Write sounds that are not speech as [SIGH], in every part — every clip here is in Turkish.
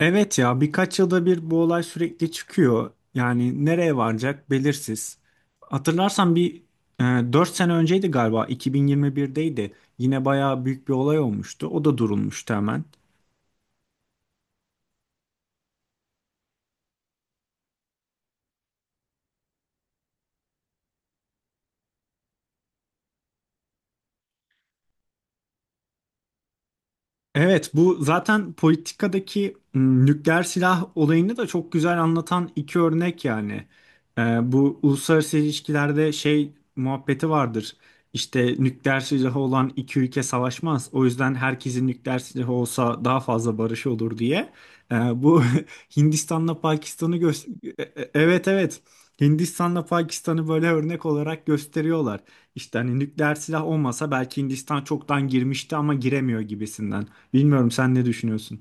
Evet ya birkaç yılda bir bu olay sürekli çıkıyor. Yani nereye varacak belirsiz. Hatırlarsan bir 4 sene önceydi galiba 2021'deydi. Yine bayağı büyük bir olay olmuştu. O da durulmuştu hemen. Evet, bu zaten politikadaki nükleer silah olayını da çok güzel anlatan iki örnek yani. Bu uluslararası ilişkilerde şey muhabbeti vardır. İşte nükleer silahı olan iki ülke savaşmaz. O yüzden herkesin nükleer silahı olsa daha fazla barış olur diye. Ee, bu [LAUGHS] Hindistan'la Pakistan'ı göster... Evet evet. Hindistan'la Pakistan'ı böyle örnek olarak gösteriyorlar. İşte hani nükleer silah olmasa belki Hindistan çoktan girmişti ama giremiyor gibisinden. Bilmiyorum sen ne düşünüyorsun?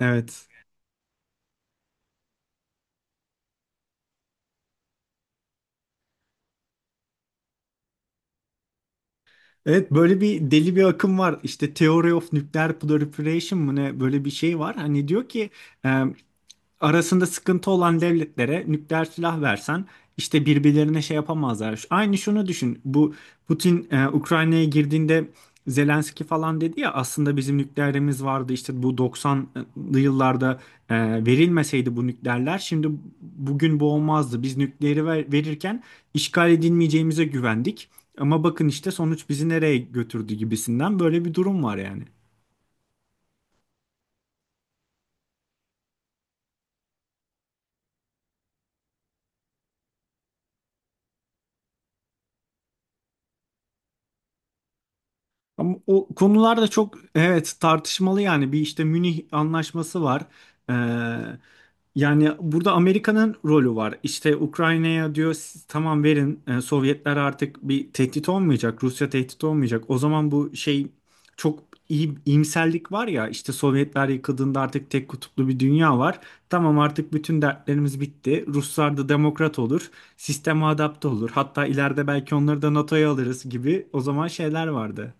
Evet. Evet böyle bir deli bir akım var. İşte Theory of Nuclear Proliferation mı ne böyle bir şey var. Hani diyor ki e, arasında sıkıntı olan devletlere nükleer silah versen işte birbirlerine şey yapamazlar. Aynı şunu düşün. Bu Putin Ukrayna'ya girdiğinde Zelenski falan dedi ya aslında bizim nükleerimiz vardı işte bu 90'lı yıllarda e, verilmeseydi bu nükleerler şimdi bugün bu olmazdı. Biz nükleeri verirken işgal edilmeyeceğimize güvendik. Ama bakın işte sonuç bizi nereye götürdü gibisinden böyle bir durum var yani. Ama o konular da çok evet tartışmalı yani bir işte Münih Anlaşması var. Ee, yani burada Amerika'nın rolü var. İşte Ukrayna'ya diyor siz tamam verin Sovyetler artık bir tehdit olmayacak. Rusya tehdit olmayacak. O zaman bu şey çok iyi iyimserlik var ya işte Sovyetler yıkıldığında artık tek kutuplu bir dünya var. Tamam artık bütün dertlerimiz bitti. Ruslar da demokrat olur. Sisteme adapte olur. Hatta ileride belki onları da NATO'ya alırız gibi o zaman şeyler vardı.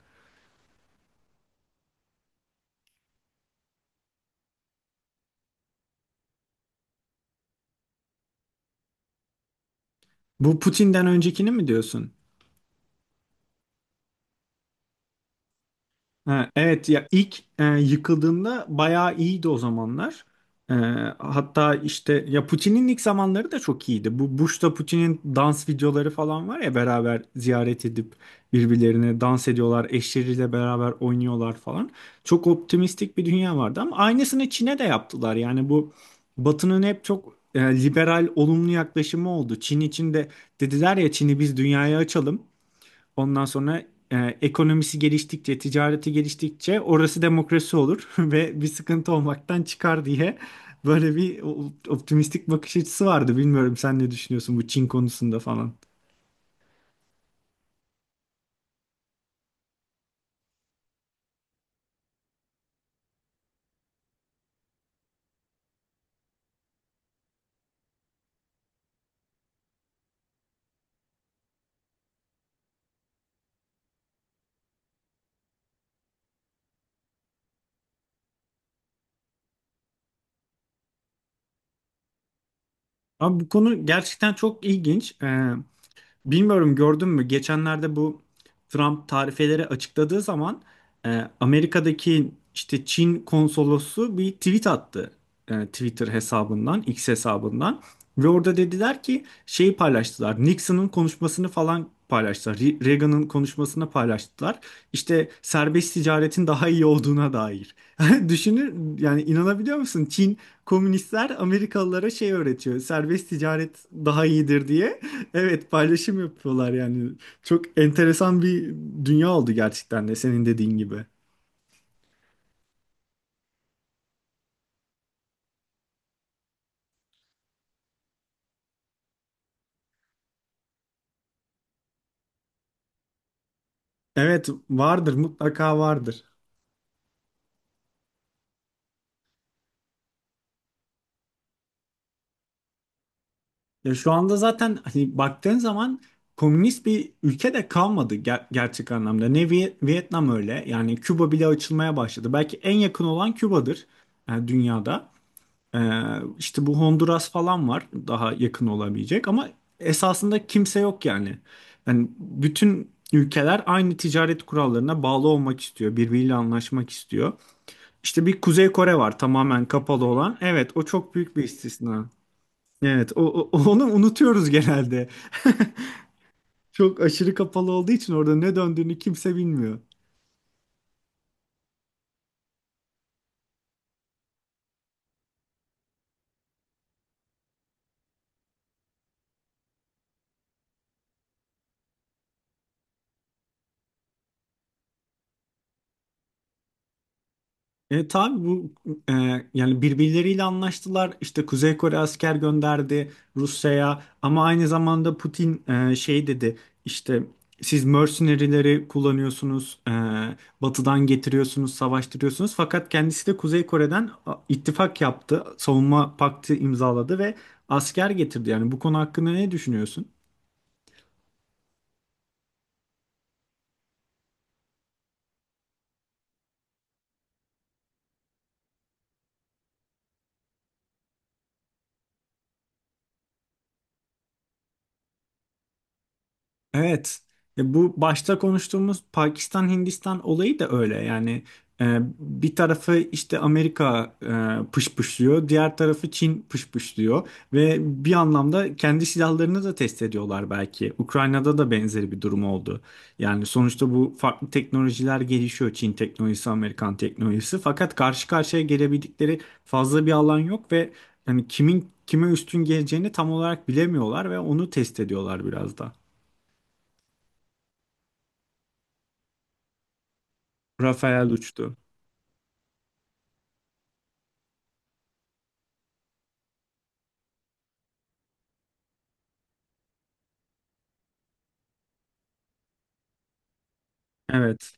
Bu Putin'den öncekini mi diyorsun? Ha, evet ya ilk yıkıldığında bayağı iyiydi o zamanlar. E, hatta işte ya Putin'in ilk zamanları da çok iyiydi. Bu Bush'ta Putin'in dans videoları falan var ya beraber ziyaret edip birbirlerine dans ediyorlar, eşleriyle beraber oynuyorlar falan. Çok optimistik bir dünya vardı ama aynısını Çin'e de yaptılar. Yani bu Batı'nın hep çok liberal, olumlu yaklaşımı oldu. Çin için de dediler ya Çin'i biz dünyaya açalım. Ondan sonra e, ekonomisi geliştikçe, ticareti geliştikçe orası demokrasi olur [LAUGHS] ve bir sıkıntı olmaktan çıkar diye böyle bir optimistik bakış açısı vardı. Bilmiyorum sen ne düşünüyorsun bu Çin konusunda falan. Abi bu konu gerçekten çok ilginç. Bilmiyorum gördün mü? Geçenlerde bu Trump tarifeleri açıkladığı zaman Amerika'daki işte Çin konsolosu bir tweet attı. Twitter hesabından, X hesabından. Ve orada dediler ki şeyi paylaştılar. Nixon'ın konuşmasını falan paylaştılar. Reagan'ın konuşmasını paylaştılar. İşte serbest ticaretin daha iyi olduğuna dair. [LAUGHS] Düşünür yani inanabiliyor musun? Çin komünistler Amerikalılara şey öğretiyor. Serbest ticaret daha iyidir diye. Evet paylaşım yapıyorlar yani. Çok enteresan bir dünya oldu gerçekten de senin dediğin gibi. Evet vardır mutlaka vardır. Ya şu anda zaten hani baktığın zaman komünist bir ülke de kalmadı gerçek anlamda. Ne Vietnam öyle yani Küba bile açılmaya başladı. Belki en yakın olan Küba'dır yani dünyada. Ee, işte bu Honduras falan var daha yakın olabilecek ama esasında kimse yok yani. Yani bütün ülkeler aynı ticaret kurallarına bağlı olmak istiyor, birbiriyle anlaşmak istiyor. İşte bir Kuzey Kore var tamamen kapalı olan. Evet, o çok büyük bir istisna. Evet, [LAUGHS] onu unutuyoruz genelde. [LAUGHS] Çok aşırı kapalı olduğu için orada ne döndüğünü kimse bilmiyor. Tabii bu e, yani birbirleriyle anlaştılar. İşte Kuzey Kore asker gönderdi Rusya'ya ama aynı zamanda Putin şey dedi işte siz mercenary'leri kullanıyorsunuz, batıdan getiriyorsunuz, savaştırıyorsunuz. Fakat kendisi de Kuzey Kore'den ittifak yaptı, savunma paktı imzaladı ve asker getirdi. Yani bu konu hakkında ne düşünüyorsun? Evet. Bu başta konuştuğumuz Pakistan-Hindistan olayı da öyle. Yani bir tarafı işte Amerika pışpışlıyor, diğer tarafı Çin pışpışlıyor ve bir anlamda kendi silahlarını da test ediyorlar belki. Ukrayna'da da benzeri bir durum oldu. Yani sonuçta bu farklı teknolojiler gelişiyor. Çin teknolojisi, Amerikan teknolojisi. Fakat karşı karşıya gelebildikleri fazla bir alan yok ve hani kimin kime üstün geleceğini tam olarak bilemiyorlar ve onu test ediyorlar biraz da. Rafael uçtu. Evet.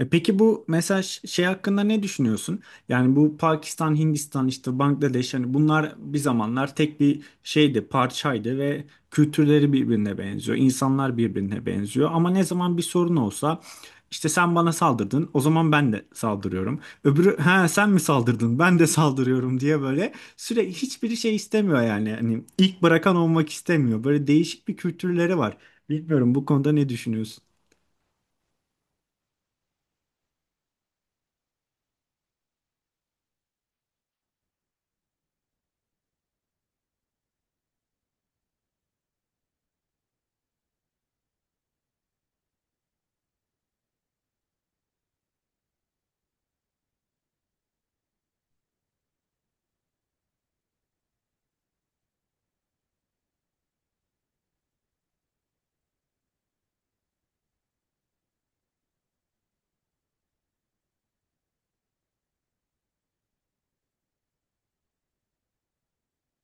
E peki bu mesaj şey hakkında ne düşünüyorsun? Yani bu Pakistan, Hindistan, işte Bangladeş hani bunlar bir zamanlar tek bir şeydi, parçaydı ve kültürleri birbirine benziyor, insanlar birbirine benziyor. Ama ne zaman bir sorun olsa işte sen bana saldırdın, o zaman ben de saldırıyorum. Öbürü ha sen mi saldırdın, ben de saldırıyorum diye böyle sürekli hiçbiri şey istemiyor yani. Hani ilk bırakan olmak istemiyor. Böyle değişik bir kültürleri var. Bilmiyorum bu konuda ne düşünüyorsun?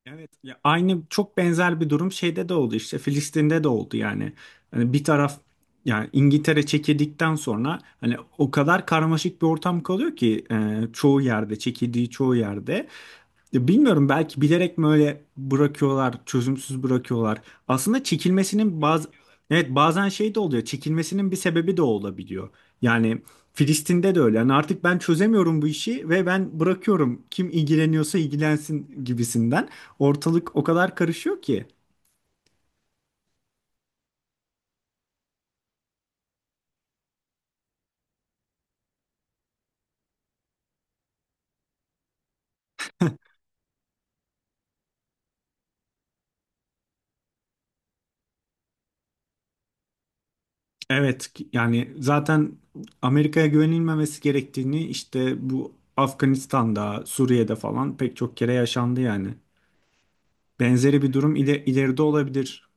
Evet, ya aynı çok benzer bir durum şeyde de oldu işte Filistin'de de oldu yani. Hani bir taraf yani İngiltere çekildikten sonra hani o kadar karmaşık bir ortam kalıyor ki çoğu yerde çekildiği çoğu yerde. Ya bilmiyorum belki bilerek mi öyle bırakıyorlar, çözümsüz bırakıyorlar. Aslında çekilmesinin bazı evet bazen şey de oluyor. Çekilmesinin bir sebebi de olabiliyor. Yani Filistin'de de öyle. Yani artık ben çözemiyorum bu işi ve ben bırakıyorum. Kim ilgileniyorsa ilgilensin gibisinden. Ortalık o kadar karışıyor ki. Evet yani zaten Amerika'ya güvenilmemesi gerektiğini işte bu Afganistan'da, Suriye'de falan pek çok kere yaşandı yani. Benzeri bir durum ileride olabilir.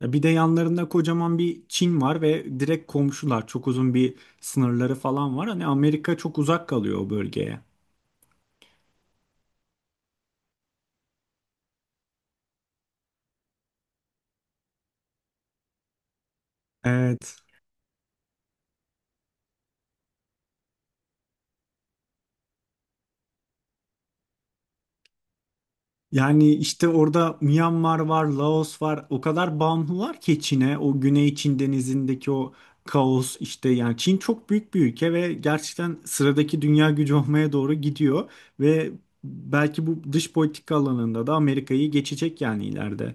Ya bir de yanlarında kocaman bir Çin var ve direkt komşular. Çok uzun bir sınırları falan var. Hani Amerika çok uzak kalıyor o bölgeye. Evet. Yani işte orada Myanmar var, Laos var. O kadar bağımlılar ki Çin'e, o Güney Çin Denizi'ndeki o kaos işte yani Çin çok büyük bir ülke ve gerçekten sıradaki dünya gücü olmaya doğru gidiyor ve belki bu dış politika alanında da Amerika'yı geçecek yani ileride.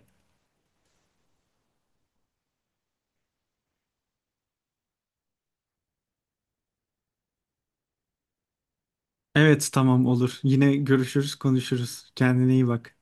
Evet tamam olur. Yine görüşürüz, konuşuruz. Kendine iyi bak.